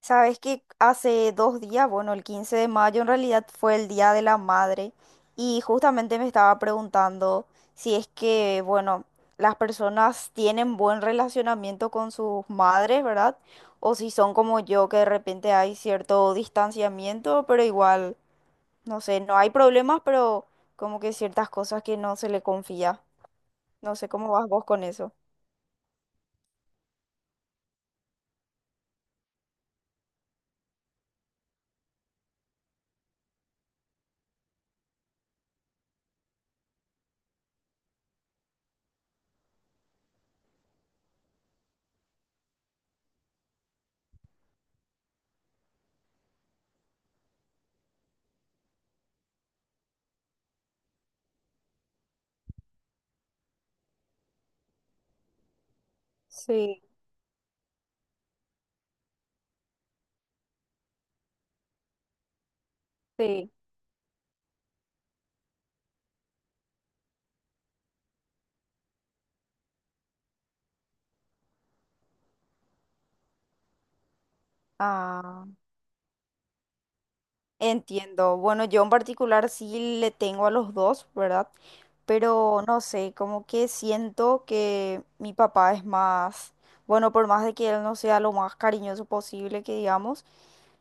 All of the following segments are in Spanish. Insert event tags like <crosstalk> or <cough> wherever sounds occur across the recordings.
Sabes que hace 2 días, bueno, el 15 de mayo en realidad fue el Día de la Madre y justamente me estaba preguntando si es que, bueno, las personas tienen buen relacionamiento con sus madres, ¿verdad? O si son como yo, que de repente hay cierto distanciamiento, pero igual, no sé, no hay problemas, pero como que ciertas cosas que no se le confía. No sé cómo vas vos con eso. Sí, sí. Ah. Entiendo. Bueno, yo en particular sí le tengo a los dos, ¿verdad? Pero no sé, como que siento que mi papá es más, bueno, por más de que él no sea lo más cariñoso posible, que digamos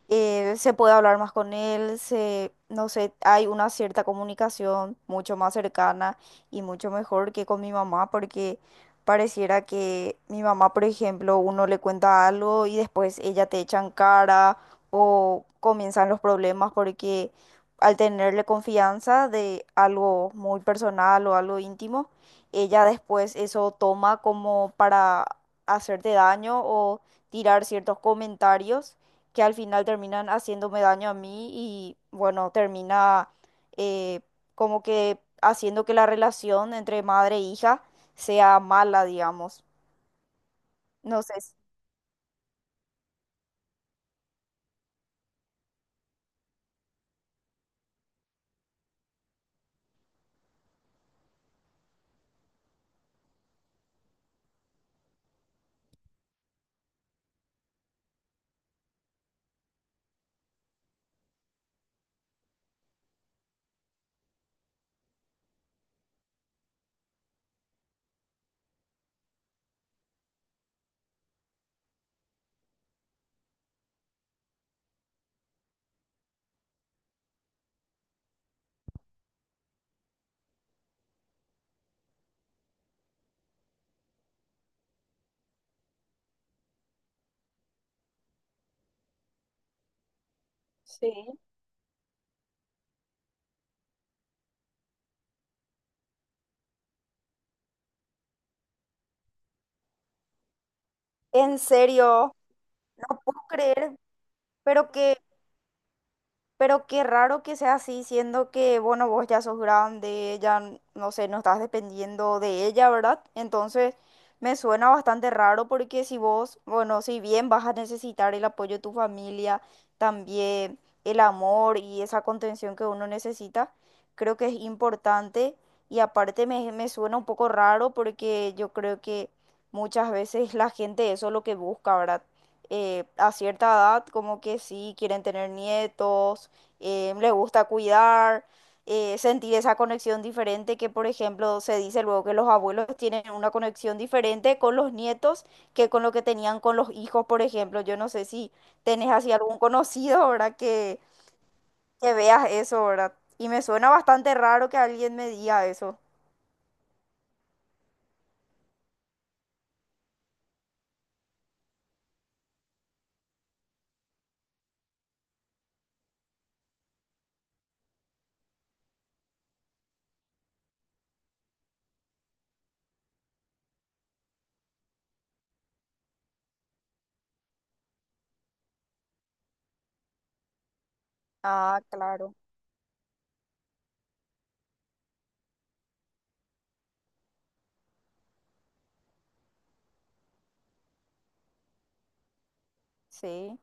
se puede hablar más con él, se, no sé, hay una cierta comunicación mucho más cercana y mucho mejor que con mi mamá, porque pareciera que mi mamá, por ejemplo, uno le cuenta algo y después ella te echa en cara o comienzan los problemas porque al tenerle confianza de algo muy personal o algo íntimo, ella después eso toma como para hacerte daño o tirar ciertos comentarios que al final terminan haciéndome daño a mí y bueno, termina eh, como que haciendo que la relación entre madre e hija sea mala, digamos. No sé, si- Sí. En serio, no puedo creer, pero que pero qué raro que sea así, siendo que, bueno, vos ya sos grande, ya, no sé, no estás dependiendo de ella, ¿verdad? Entonces, me suena bastante raro porque si vos, bueno, si bien vas a necesitar el apoyo de tu familia, también el amor y esa contención que uno necesita, creo que es importante. Y aparte me suena un poco raro porque yo creo que muchas veces la gente eso es lo que busca, ¿verdad? A cierta edad, como que sí, quieren tener nietos le gusta cuidar, sentir esa conexión diferente que, por ejemplo, se dice luego que los abuelos tienen una conexión diferente con los nietos que con lo que tenían con los hijos, por ejemplo. Yo no sé si tenés así algún conocido, ¿verdad? Que veas eso, ¿verdad? Y me suena bastante raro que alguien me diga eso. Ah, claro. Sí.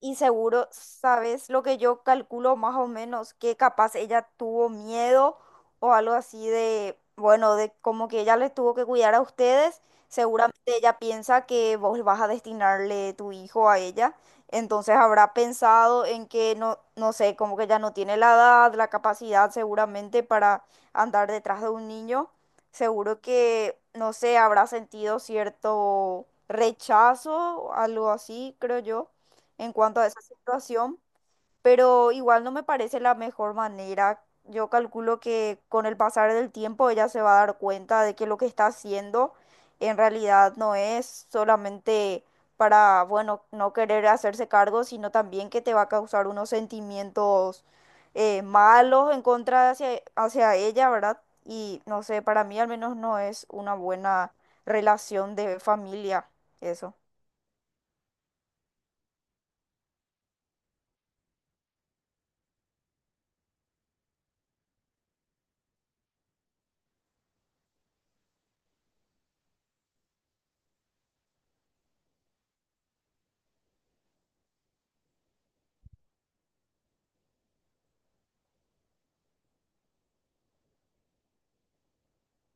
Y seguro sabes lo que yo calculo más o menos, que capaz ella tuvo miedo o algo así de, bueno, de como que ella les tuvo que cuidar a ustedes. Seguramente ella piensa que vos vas a destinarle tu hijo a ella. Entonces habrá pensado en que no, no sé, como que ella no tiene la edad, la capacidad seguramente para andar detrás de un niño. Seguro que, no sé, habrá sentido cierto rechazo, algo así, creo yo en cuanto a esa situación, pero igual no me parece la mejor manera. Yo calculo que con el pasar del tiempo ella se va a dar cuenta de que lo que está haciendo en realidad no es solamente para, bueno, no querer hacerse cargo, sino también que te va a causar unos sentimientos malos en contra hacia ella, ¿verdad? Y no sé, para mí al menos no es una buena relación de familia, eso.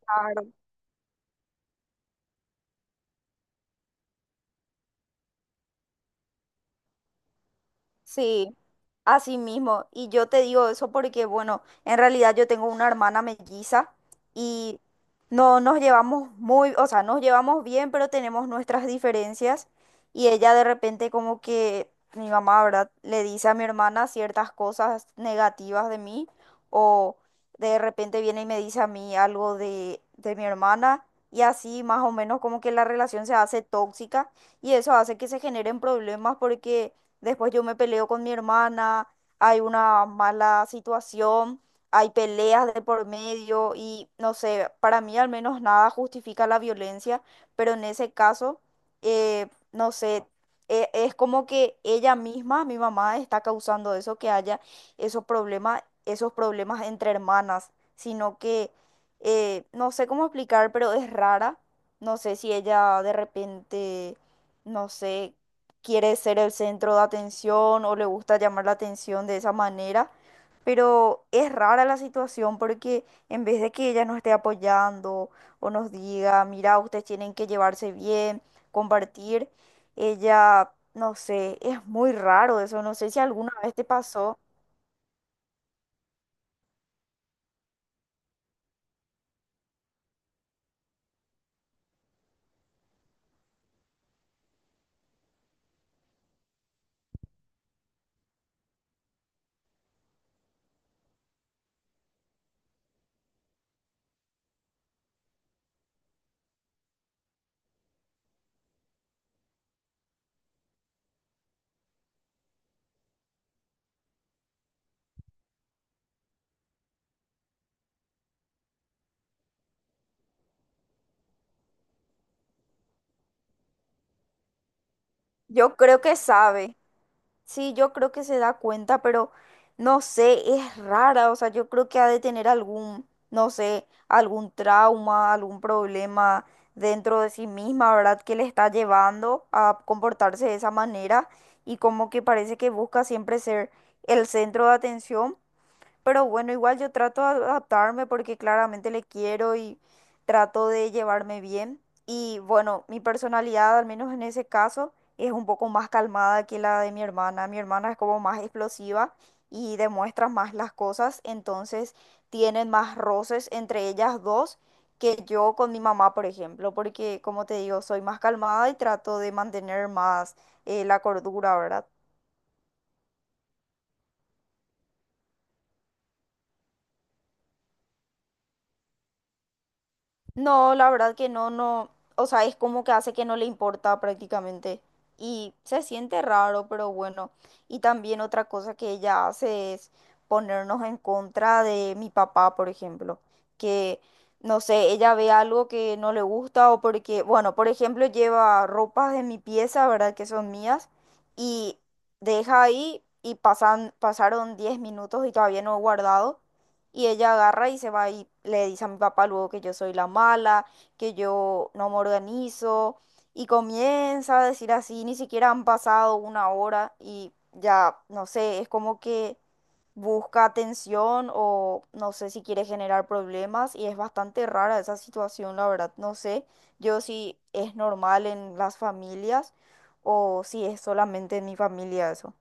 Claro. Sí, así mismo. Y yo te digo eso porque, bueno, en realidad yo tengo una hermana melliza y no nos llevamos muy, o sea, nos llevamos bien, pero tenemos nuestras diferencias. Y ella de repente como que mi mamá, ¿verdad? Le dice a mi hermana ciertas cosas negativas de mí o de repente viene y me dice a mí algo de mi hermana. Y así más o menos como que la relación se hace tóxica y eso hace que se generen problemas porque después yo me peleo con mi hermana, hay una mala situación, hay peleas de por medio y no sé, para mí al menos nada justifica la violencia, pero en ese caso, no sé, es como que ella misma, mi mamá, está causando eso, que haya esos problemas entre hermanas, sino que no sé cómo explicar, pero es rara. No sé si ella de repente, no sé, quiere ser el centro de atención o le gusta llamar la atención de esa manera, pero es rara la situación porque en vez de que ella nos esté apoyando o nos diga, mira, ustedes tienen que llevarse bien, compartir, ella, no sé, es muy raro eso, no sé si alguna vez te pasó. Yo creo que sabe. Sí, yo creo que se da cuenta, pero no sé, es rara, o sea, yo creo que ha de tener algún, no sé, algún trauma, algún problema dentro de sí misma, ¿verdad? Que le está llevando a comportarse de esa manera y como que parece que busca siempre ser el centro de atención, pero bueno, igual yo trato de adaptarme porque claramente le quiero y trato de llevarme bien. Y bueno, mi personalidad, al menos en ese caso, es un poco más calmada que la de mi hermana. Mi hermana es como más explosiva y demuestra más las cosas, entonces tienen más roces entre ellas dos que yo con mi mamá, por ejemplo, porque como te digo, soy más calmada y trato de mantener más la cordura, ¿verdad? No, la verdad que no, no, o sea, es como que hace que no le importa prácticamente y se siente raro, pero bueno. Y también otra cosa que ella hace es ponernos en contra de mi papá, por ejemplo, que no sé, ella ve algo que no le gusta o porque, bueno, por ejemplo, lleva ropas de mi pieza, ¿verdad? Que son mías y deja ahí y pasan, pasaron 10 minutos y todavía no he guardado. Y ella agarra y se va y le dice a mi papá luego que yo soy la mala, que yo no me organizo. Y comienza a decir así, ni siquiera han pasado una hora y ya, no sé, es como que busca atención o no sé si quiere generar problemas y es bastante rara esa situación, la verdad. No sé yo si es normal en las familias o si es solamente en mi familia eso.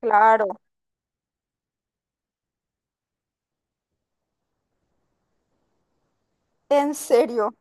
Claro, en serio.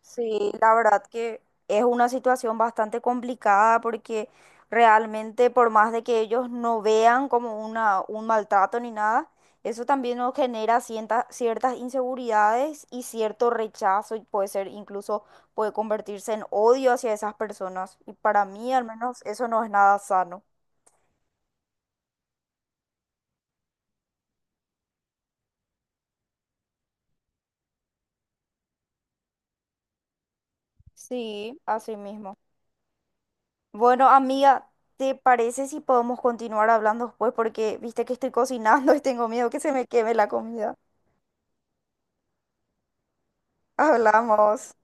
Sí, la verdad que es una situación bastante complicada porque realmente por más de que ellos no vean como una, un maltrato ni nada, eso también nos genera ciertas inseguridades y cierto rechazo y puede ser incluso puede convertirse en odio hacia esas personas. Y para mí al menos eso no es nada sano. Sí, así mismo. Bueno, amiga, ¿te parece si podemos continuar hablando después? Porque viste que estoy cocinando <laughs> y tengo miedo que se me queme la comida. Hablamos.